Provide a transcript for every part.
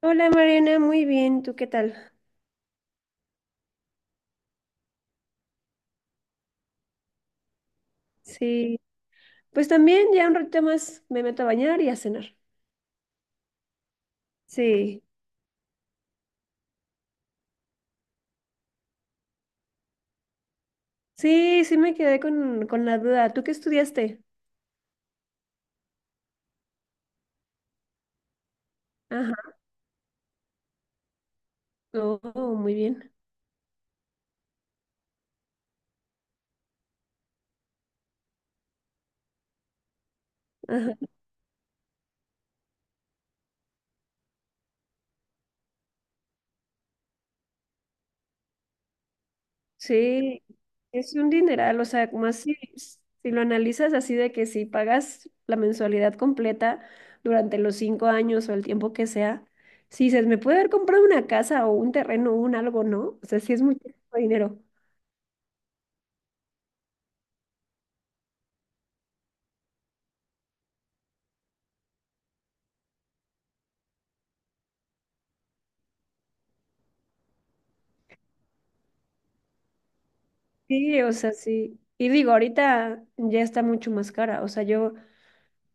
Hola Mariana, muy bien, ¿tú qué tal? Sí, pues también ya un ratito más me meto a bañar y a cenar. Sí, sí, sí me quedé con la duda. ¿Tú qué estudiaste? Ajá, oh, muy bien. Ajá. Sí, es un dineral, o sea, como así, si lo analizas así de que si pagas la mensualidad completa durante los cinco años o el tiempo que sea, sí, se me puede haber comprado una casa o un terreno o un algo, ¿no? O sea, sí es mucho dinero. Sí, o sea, sí. Y digo, ahorita ya está mucho más cara. O sea, yo,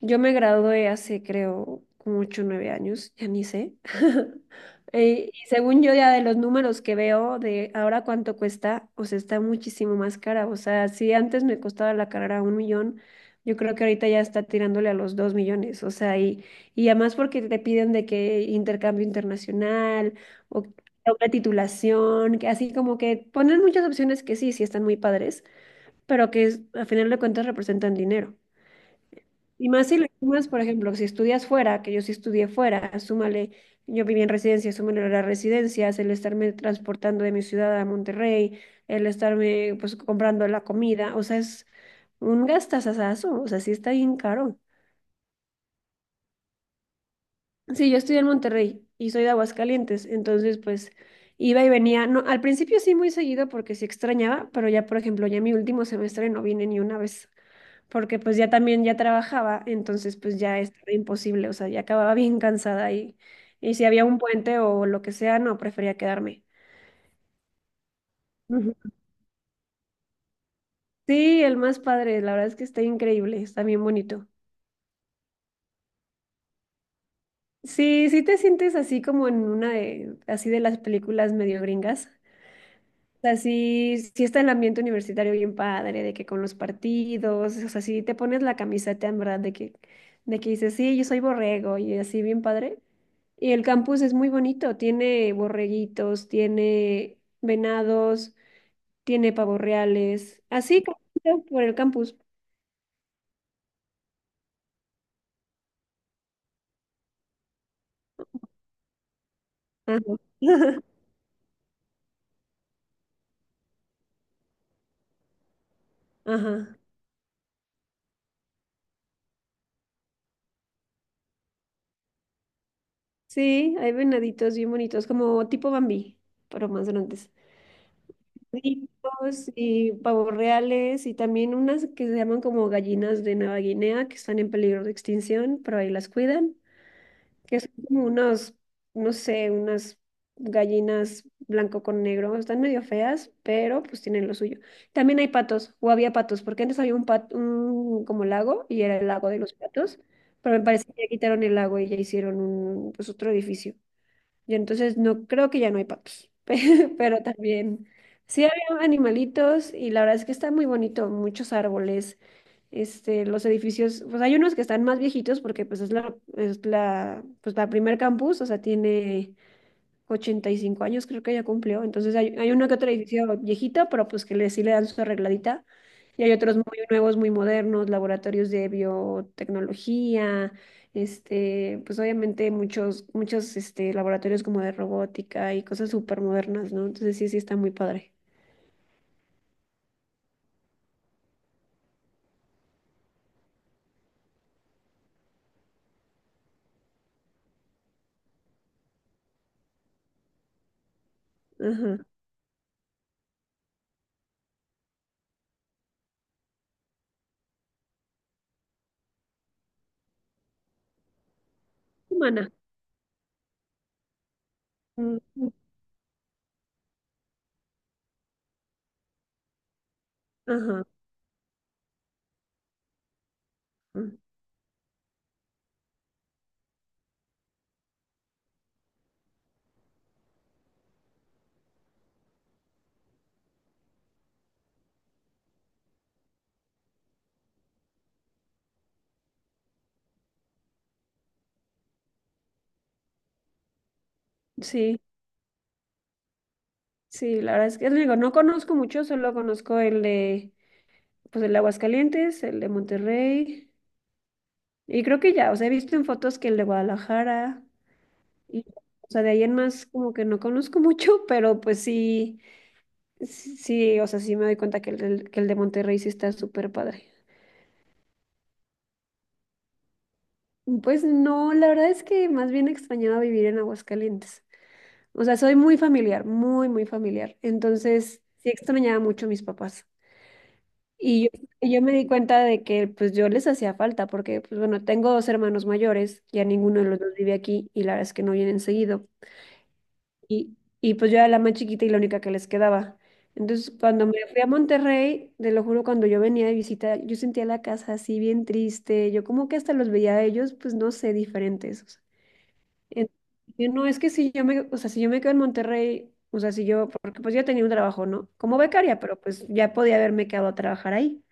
yo me gradué hace, creo, como 8 o 9 años, ya ni sé. Y según yo, ya de los números que veo de ahora cuánto cuesta, o sea, está muchísimo más cara. O sea, si antes me costaba la carrera un millón, yo creo que ahorita ya está tirándole a los dos millones. O sea, y además porque te piden de que intercambio internacional o una titulación, que así como que ponen muchas opciones que sí, sí están muy padres, pero que a final de cuentas representan dinero. Y más si le sumas, por ejemplo, si estudias fuera, que yo sí estudié fuera, súmale, yo viví en residencia, súmale las residencias, el estarme transportando de mi ciudad a Monterrey, el estarme pues comprando la comida, o sea, es un gastazazazo, o sea, sí está bien caro. Sí, yo estudié en Monterrey y soy de Aguascalientes, entonces pues iba y venía, no, al principio sí muy seguido porque sí extrañaba, pero ya por ejemplo, ya mi último semestre no vine ni una vez. Porque pues ya también ya trabajaba, entonces pues ya estaba imposible, o sea, ya acababa bien cansada y si había un puente o lo que sea, no, prefería quedarme. Ujú. Sí, el más padre, la verdad es que está increíble, está bien bonito. Sí, sí te sientes así como en una de, así de las películas medio gringas. O sea, sí, sí está el ambiente universitario bien padre, de que con los partidos, o sea, si te pones la camiseta en verdad de que dices, sí, yo soy borrego y así bien padre. Y el campus es muy bonito, tiene borreguitos, tiene venados, tiene pavos reales, así caminando por el campus. Ajá. Ajá. Sí, hay venaditos bien bonitos, como tipo Bambi, pero más grandes. Ricos y pavos reales y también unas que se llaman como gallinas de Nueva Guinea que están en peligro de extinción, pero ahí las cuidan, que son como unos, no sé, unas gallinas blanco con negro, están medio feas, pero pues tienen lo suyo. También hay patos, o había patos, porque antes había un pat un como lago y era el lago de los patos, pero me parece que ya quitaron el lago y ya hicieron un, pues otro edificio. Yo entonces no creo que ya no hay patos, pero también sí había animalitos y la verdad es que está muy bonito, muchos árboles, este, los edificios, pues hay unos que están más viejitos porque pues pues la primer campus, o sea, tiene 85 años creo que ya cumplió. Entonces hay uno que otro edificio viejito, pero pues que le, sí le dan su arregladita. Y hay otros muy nuevos, muy modernos, laboratorios de biotecnología, este, pues obviamente muchos este, laboratorios como de robótica y cosas súper modernas, ¿no? Entonces sí, sí está muy padre. Ajá. Humana. Mm, mm, ajá, mm. Sí, sí, la verdad es que digo, no conozco mucho, solo conozco el de, pues el de Aguascalientes, el de Monterrey. Y creo que ya, o sea, he visto en fotos que el de Guadalajara, y, o sea, de ahí en más como que no conozco mucho, pero pues sí, sí, o sea, sí me doy cuenta que que el de Monterrey sí está súper padre. Pues no, la verdad es que más bien extrañaba vivir en Aguascalientes. O sea, soy muy familiar, muy familiar. Entonces, sí extrañaba mucho a mis papás. Y yo, y yo me di cuenta de que pues yo les hacía falta, porque pues bueno, tengo dos hermanos mayores, ya ninguno de los dos vive aquí y la verdad es que no vienen seguido. Y pues yo era la más chiquita y la única que les quedaba. Entonces, cuando me fui a Monterrey, te lo juro, cuando yo venía de visita, yo sentía la casa así bien triste. Yo como que hasta los veía a ellos, pues no sé, diferentes, o sea. En- yo, no, es que si yo me, o sea, si yo me quedo en Monterrey, o sea, si yo, porque pues yo tenía un trabajo, ¿no? Como becaria, pero pues ya podía haberme quedado a trabajar ahí.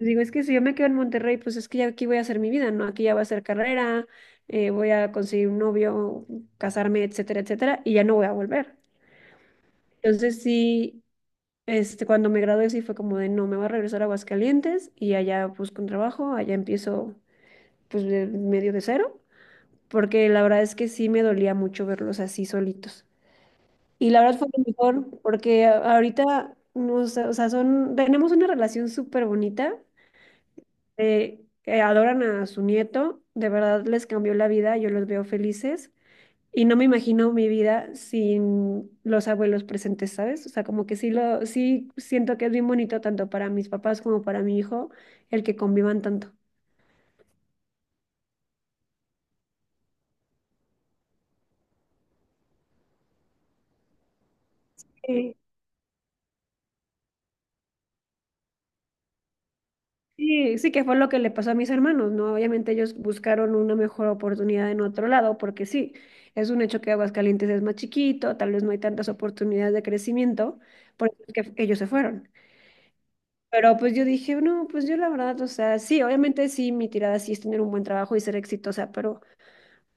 Digo, es que si yo me quedo en Monterrey, pues es que ya aquí voy a hacer mi vida, ¿no? Aquí ya va a ser carrera, voy a conseguir un novio, casarme, etcétera, etcétera, y ya no voy a volver. Entonces sí, este, cuando me gradué sí fue como de no, me voy a regresar a Aguascalientes y allá busco un trabajo, allá empiezo pues medio de cero, porque la verdad es que sí me dolía mucho verlos así solitos. Y la verdad fue lo mejor, porque ahorita, no sé, o sea, son, tenemos una relación súper bonita, adoran a su nieto, de verdad les cambió la vida, yo los veo felices. Y no me imagino mi vida sin los abuelos presentes, ¿sabes? O sea, como que sí siento que es bien bonito tanto para mis papás como para mi hijo el que convivan tanto. Sí, sí, sí que fue lo que le pasó a mis hermanos, ¿no? Obviamente ellos buscaron una mejor oportunidad en otro lado, porque sí, es un hecho que Aguascalientes es más chiquito, tal vez no hay tantas oportunidades de crecimiento, por eso es que ellos se fueron. Pero pues yo dije, no, pues yo la verdad, o sea, sí, obviamente sí, mi tirada sí es tener un buen trabajo y ser exitosa, pero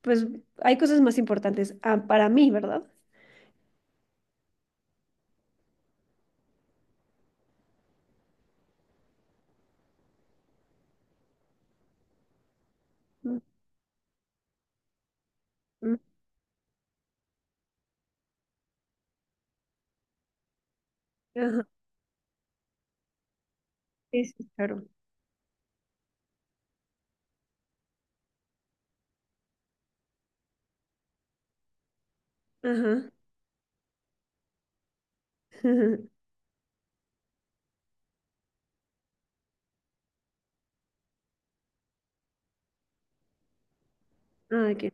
pues hay cosas más importantes ah, para mí, ¿verdad? Mm, mm, ajá, sí, sí, claro. Ajá. Ah, qué-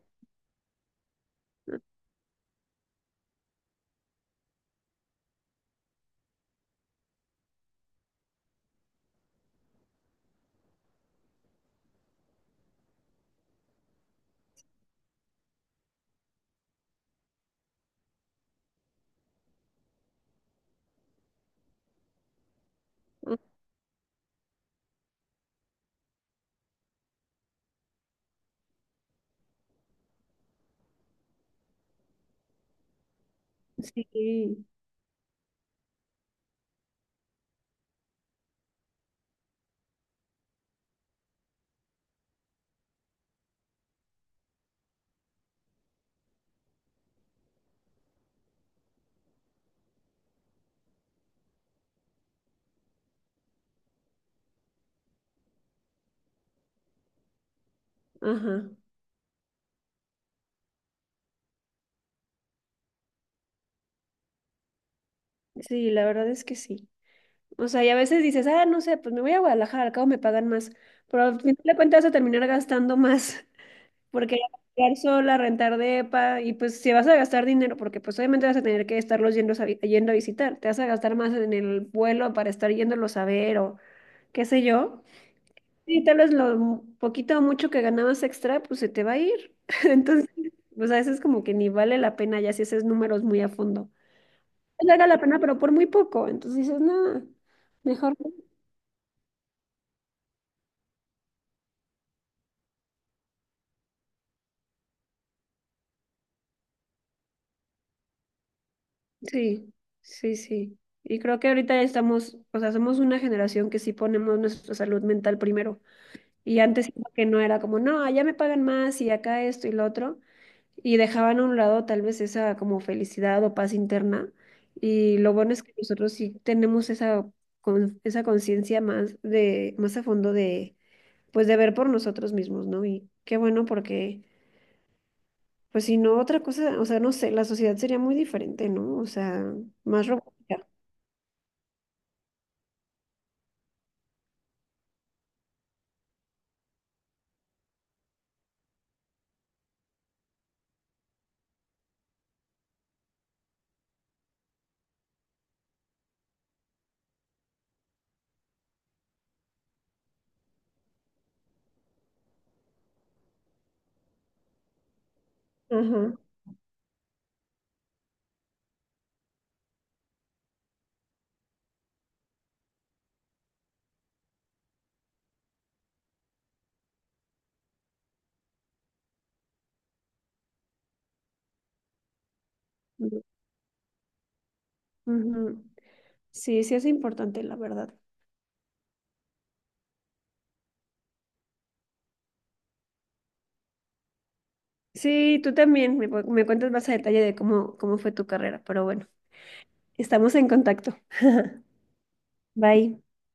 ah, sí, ajá. Sí, la verdad es que sí. O sea, y a veces dices, ah, no sé, pues me voy a Guadalajara, al cabo me pagan más. Pero al final de cuentas vas a terminar gastando más, porque ya vas a quedar sola, rentar depa, y pues si vas a gastar dinero, porque pues obviamente vas a tener que estarlos yendo a, yendo a visitar, te vas a gastar más en el vuelo para estar yéndolos a ver o qué sé yo. Sí, tal vez lo poquito o mucho que ganabas extra, pues se te va a ir. Entonces, pues a veces como que ni vale la pena ya si haces números muy a fondo. Era la pena, pero por muy poco. Entonces dices, no, mejor. No. Sí, sí. Y creo que ahorita ya estamos, o sea, somos una generación que sí ponemos nuestra salud mental primero. Y antes siento que no era como, no, allá me pagan más y acá esto y lo otro. Y dejaban a un lado tal vez esa como felicidad o paz interna. Y lo bueno es que nosotros sí tenemos esa, esa conciencia más de, más a fondo de, pues de ver por nosotros mismos, ¿no? Y qué bueno porque, pues si no, otra cosa, o sea, no sé, la sociedad sería muy diferente, ¿no? O sea, más robótica. Ajá. Ujú. Sí, sí es importante, la verdad. Sí, tú también. Me cuentas más a detalle de cómo, cómo fue tu carrera, pero bueno, estamos en contacto. Bye.